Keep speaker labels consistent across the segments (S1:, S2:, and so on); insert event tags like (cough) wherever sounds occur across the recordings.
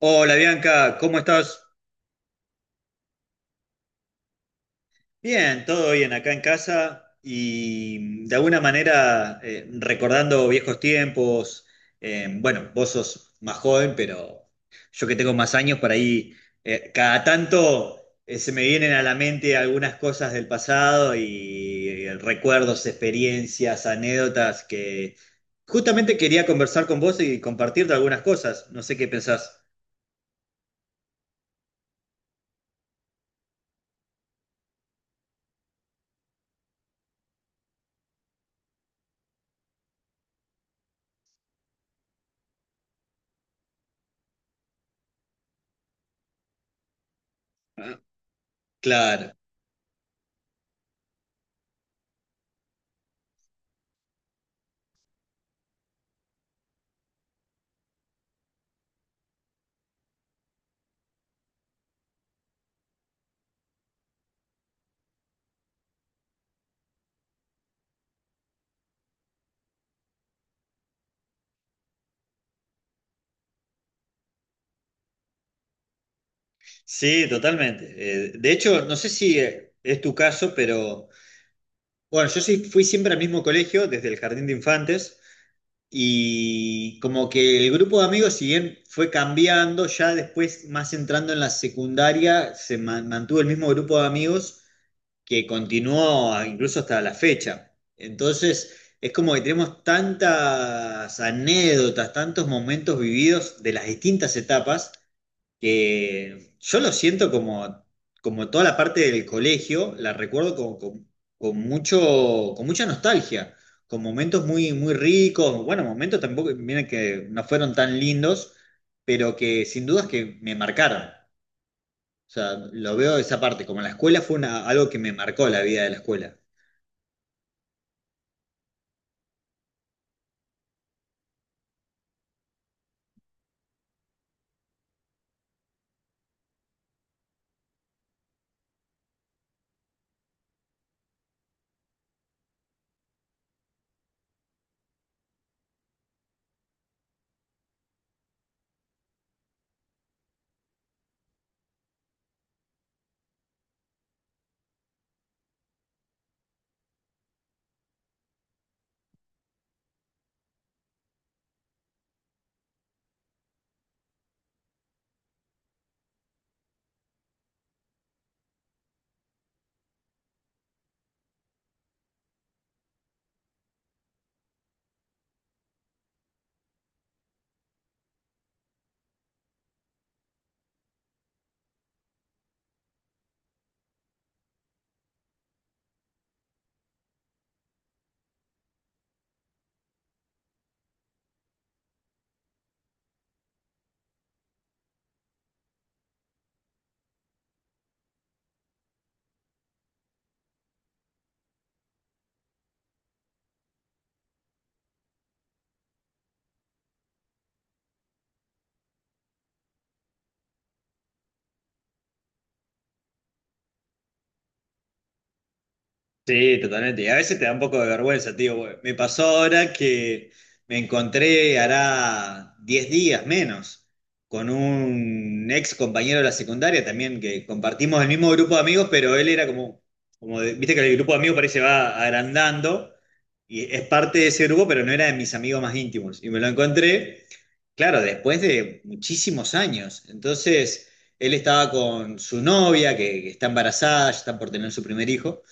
S1: Hola Bianca, ¿cómo estás? Bien, todo bien acá en casa y de alguna manera recordando viejos tiempos. Bueno, vos sos más joven, pero yo que tengo más años por ahí, cada tanto se me vienen a la mente algunas cosas del pasado y recuerdos, experiencias, anécdotas que justamente quería conversar con vos y compartirte algunas cosas. No sé qué pensás. Claro. Sí, totalmente. De hecho, no sé si es tu caso, pero bueno, yo sí fui siempre al mismo colegio, desde el jardín de infantes, y como que el grupo de amigos, si bien fue cambiando, ya después, más entrando en la secundaria, mantuvo el mismo grupo de amigos que continuó incluso hasta la fecha. Entonces, es como que tenemos tantas anécdotas, tantos momentos vividos de las distintas etapas que yo lo siento como, como toda la parte del colegio, la recuerdo con mucho, con mucha nostalgia, con momentos muy, muy ricos, bueno, momentos tampoco, miren que no fueron tan lindos, pero que sin dudas que me marcaron. O sea, lo veo de esa parte, como la escuela fue algo que me marcó la vida de la escuela. Sí, totalmente. Y a veces te da un poco de vergüenza, tío. Güey. Me pasó ahora que me encontré, hará 10 días menos, con un ex compañero de la secundaria también, que compartimos el mismo grupo de amigos, pero él era como, viste que el grupo de amigos parece va agrandando, y es parte de ese grupo, pero no era de mis amigos más íntimos. Y me lo encontré, claro, después de muchísimos años. Entonces, él estaba con su novia, que está embarazada, ya está por tener su primer hijo.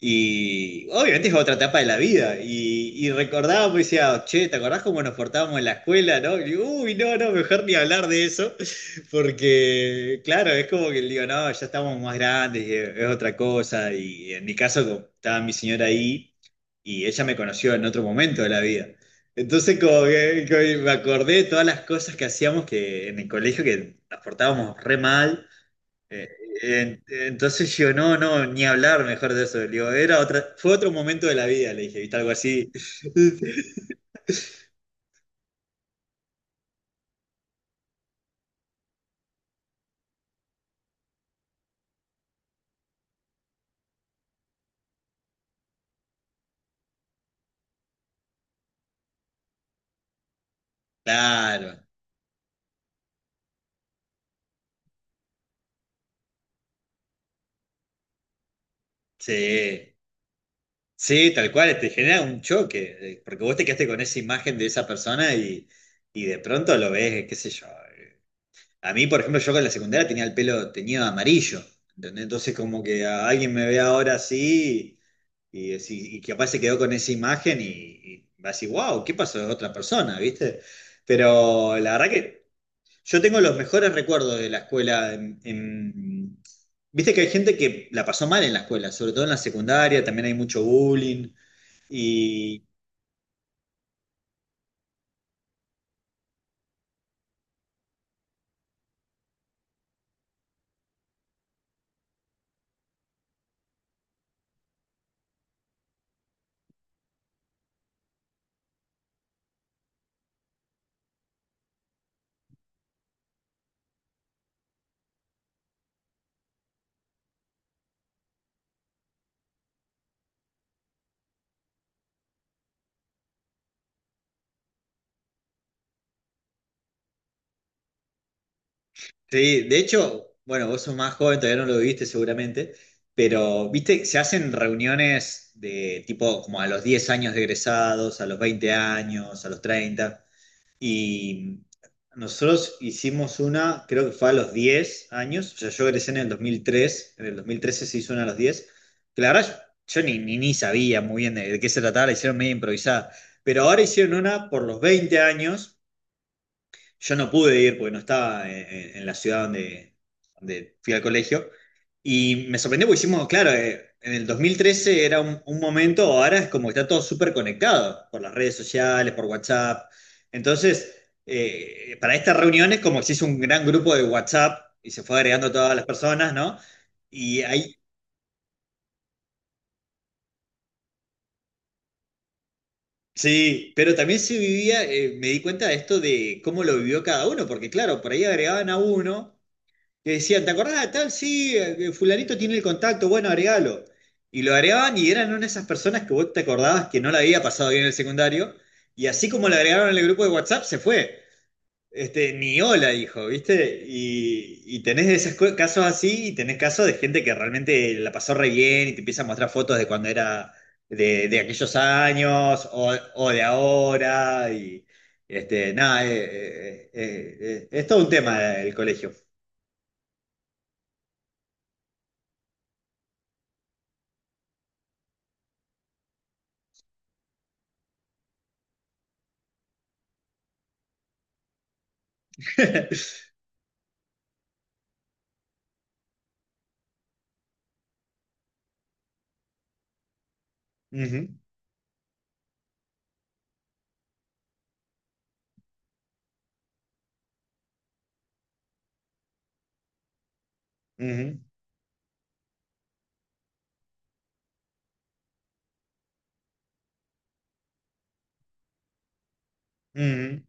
S1: Y obviamente es otra etapa de la vida. Y recordaba, pues decía, che, ¿te acordás cómo nos portábamos en la escuela, no? Y digo, uy, no, no, mejor ni hablar de eso. (laughs) Porque, claro, es como que digo, no, ya estamos más grandes, y es otra cosa. Y en mi caso, como estaba mi señora ahí y ella me conoció en otro momento de la vida. Entonces, como que me acordé de todas las cosas que hacíamos que en el colegio que nos portábamos re mal. Eh, entonces yo, no, no, ni hablar mejor de eso. Le digo, era otra, fue otro momento de la vida, le dije, ¿viste? Algo así. (laughs) Claro, sí, sí, tal cual, te genera un choque, porque vos te quedaste con esa imagen de esa persona y de pronto lo ves, qué sé yo. A mí, por ejemplo, yo con la secundaria tenía el pelo teñido de amarillo, ¿entendés? Entonces como que a alguien me ve ahora así. Y, y capaz se quedó con esa imagen y va a decir, wow, ¿qué pasó de otra persona? ¿Viste? Pero la verdad que yo tengo los mejores recuerdos de la escuela. Viste que hay gente que la pasó mal en la escuela, sobre todo en la secundaria, también hay mucho bullying. Y sí, de hecho, bueno, vos sos más joven, todavía no lo viviste seguramente, pero viste, se hacen reuniones de tipo como a los 10 años de egresados, a los 20 años, a los treinta. Y nosotros hicimos una, creo que fue a los 10 años, o sea, yo egresé en el dos mil tres, en el 2013 se hizo una a los diez, que la verdad yo, yo ni sabía muy bien de qué se trataba, la hicieron medio improvisada, pero ahora hicieron una por los 20 años. Yo no pude ir porque no estaba en la ciudad donde, donde fui al colegio. Y me sorprendió porque hicimos, claro, en el 2013 era un momento, ahora es como que está todo súper conectado por las redes sociales, por WhatsApp. Entonces, para estas reuniones como que se hizo un gran grupo de WhatsApp y se fue agregando todas las personas, ¿no? Y ahí, sí, pero también se vivía, me di cuenta de esto de cómo lo vivió cada uno, porque claro, por ahí agregaban a uno. Que decían, ¿te acordás de tal? Sí, fulanito tiene el contacto, bueno, agregalo. Y lo agregaban y eran una de esas personas que vos te acordabas que no la había pasado bien en el secundario. Y así como lo agregaron en el grupo de WhatsApp, se fue. Este, ni hola, dijo, ¿viste? Y tenés de esos casos así y tenés casos de gente que realmente la pasó re bien y te empieza a mostrar fotos de cuando era de aquellos años o de ahora. Y este, nada, es todo un tema el colegio. (laughs) Ujú, ujú, ujú.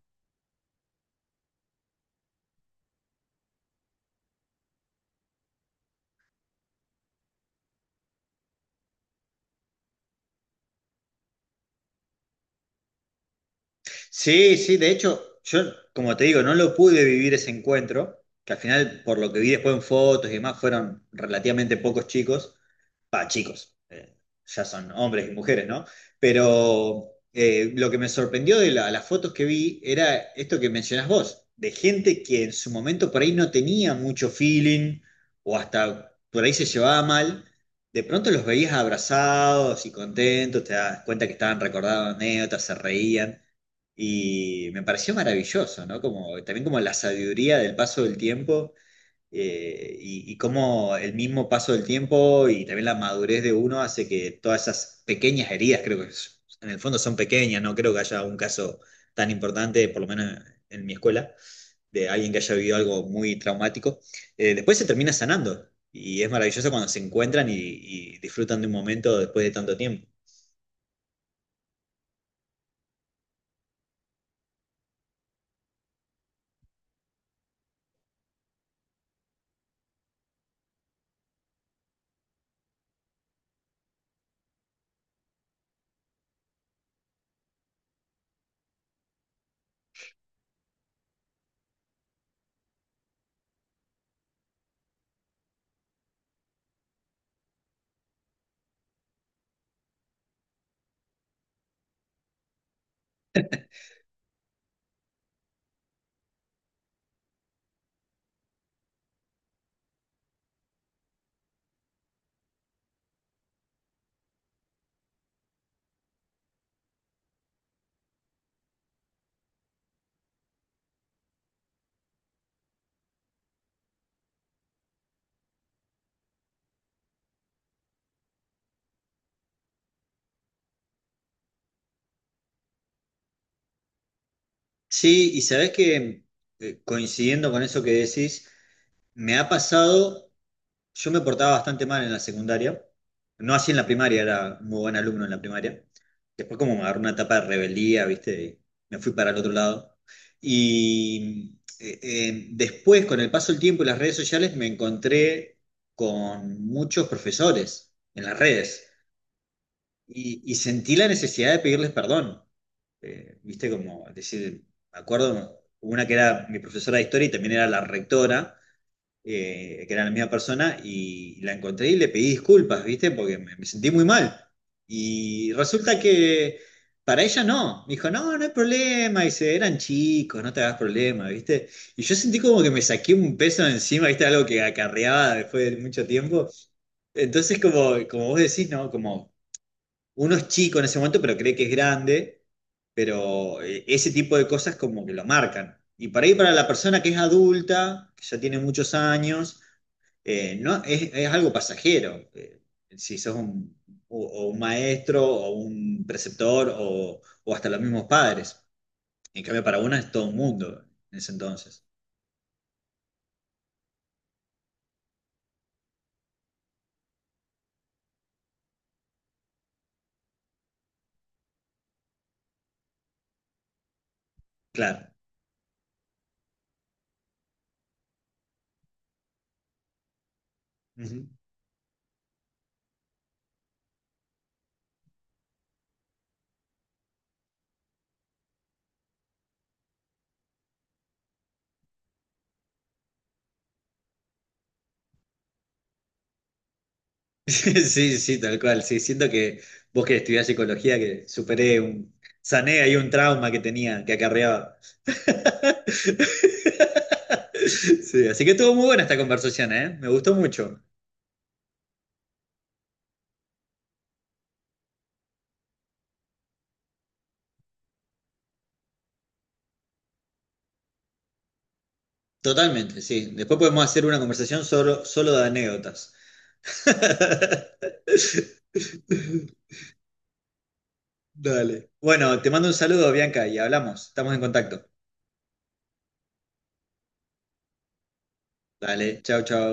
S1: Sí, sí, de hecho, yo, como te digo, no lo pude vivir ese encuentro, que al final, por lo que vi después en fotos y demás, fueron relativamente pocos chicos. Pa chicos, ya son hombres y mujeres, ¿no? Pero lo que me sorprendió de las fotos que vi era esto que mencionás vos, de gente que en su momento por ahí no tenía mucho feeling o hasta por ahí se llevaba mal, de pronto los veías abrazados y contentos, te das cuenta que estaban recordando anécdotas, se reían. Y me pareció maravilloso, ¿no? Como, también como la sabiduría del paso del tiempo, y cómo el mismo paso del tiempo y también la madurez de uno hace que todas esas pequeñas heridas, creo que en el fondo son pequeñas, no creo que haya un caso tan importante, por lo menos en mi escuela, de alguien que haya vivido algo muy traumático, después se termina sanando y es maravilloso cuando se encuentran y disfrutan de un momento después de tanto tiempo. Sí, y sabés que coincidiendo con eso que decís, me ha pasado. Yo me portaba bastante mal en la secundaria, no así en la primaria, era muy buen alumno en la primaria. Después como me agarró una etapa de rebeldía, ¿viste? Y me fui para el otro lado. Y después, con el paso del tiempo y las redes sociales, me encontré con muchos profesores en las redes y sentí la necesidad de pedirles perdón. ¿Viste? Como decir, me acuerdo, una que era mi profesora de historia y también era la rectora, que era la misma persona, y la encontré y le pedí disculpas, ¿viste? Porque me sentí muy mal. Y resulta que para ella no, me dijo, no, no hay problema, dice, eran chicos, no te hagas problema, ¿viste? Y yo sentí como que me saqué un peso de encima, ¿viste? Algo que acarreaba después de mucho tiempo. Entonces, como, como vos decís, ¿no? Como uno es chico en ese momento, pero cree que es grande, pero ese tipo de cosas como que lo marcan. Y para ahí para la persona que es adulta, que ya tiene muchos años, no, es algo pasajero. Si sos un, o un maestro o un preceptor o hasta los mismos padres. En cambio, para una es todo un mundo en ese entonces. Claro. Ujú. (laughs) Sí, sí, tal cual. Sí, siento que vos que estudiás psicología, que superé un, sané ahí un trauma que tenía, que acarreaba. (laughs) Sí, así que estuvo muy buena esta conversación, ¿eh? Me gustó mucho. Totalmente, sí. Después podemos hacer una conversación solo, solo de anécdotas. (laughs) Dale. Bueno, te mando un saludo, Bianca, y hablamos. Estamos en contacto. Dale, chao, chao.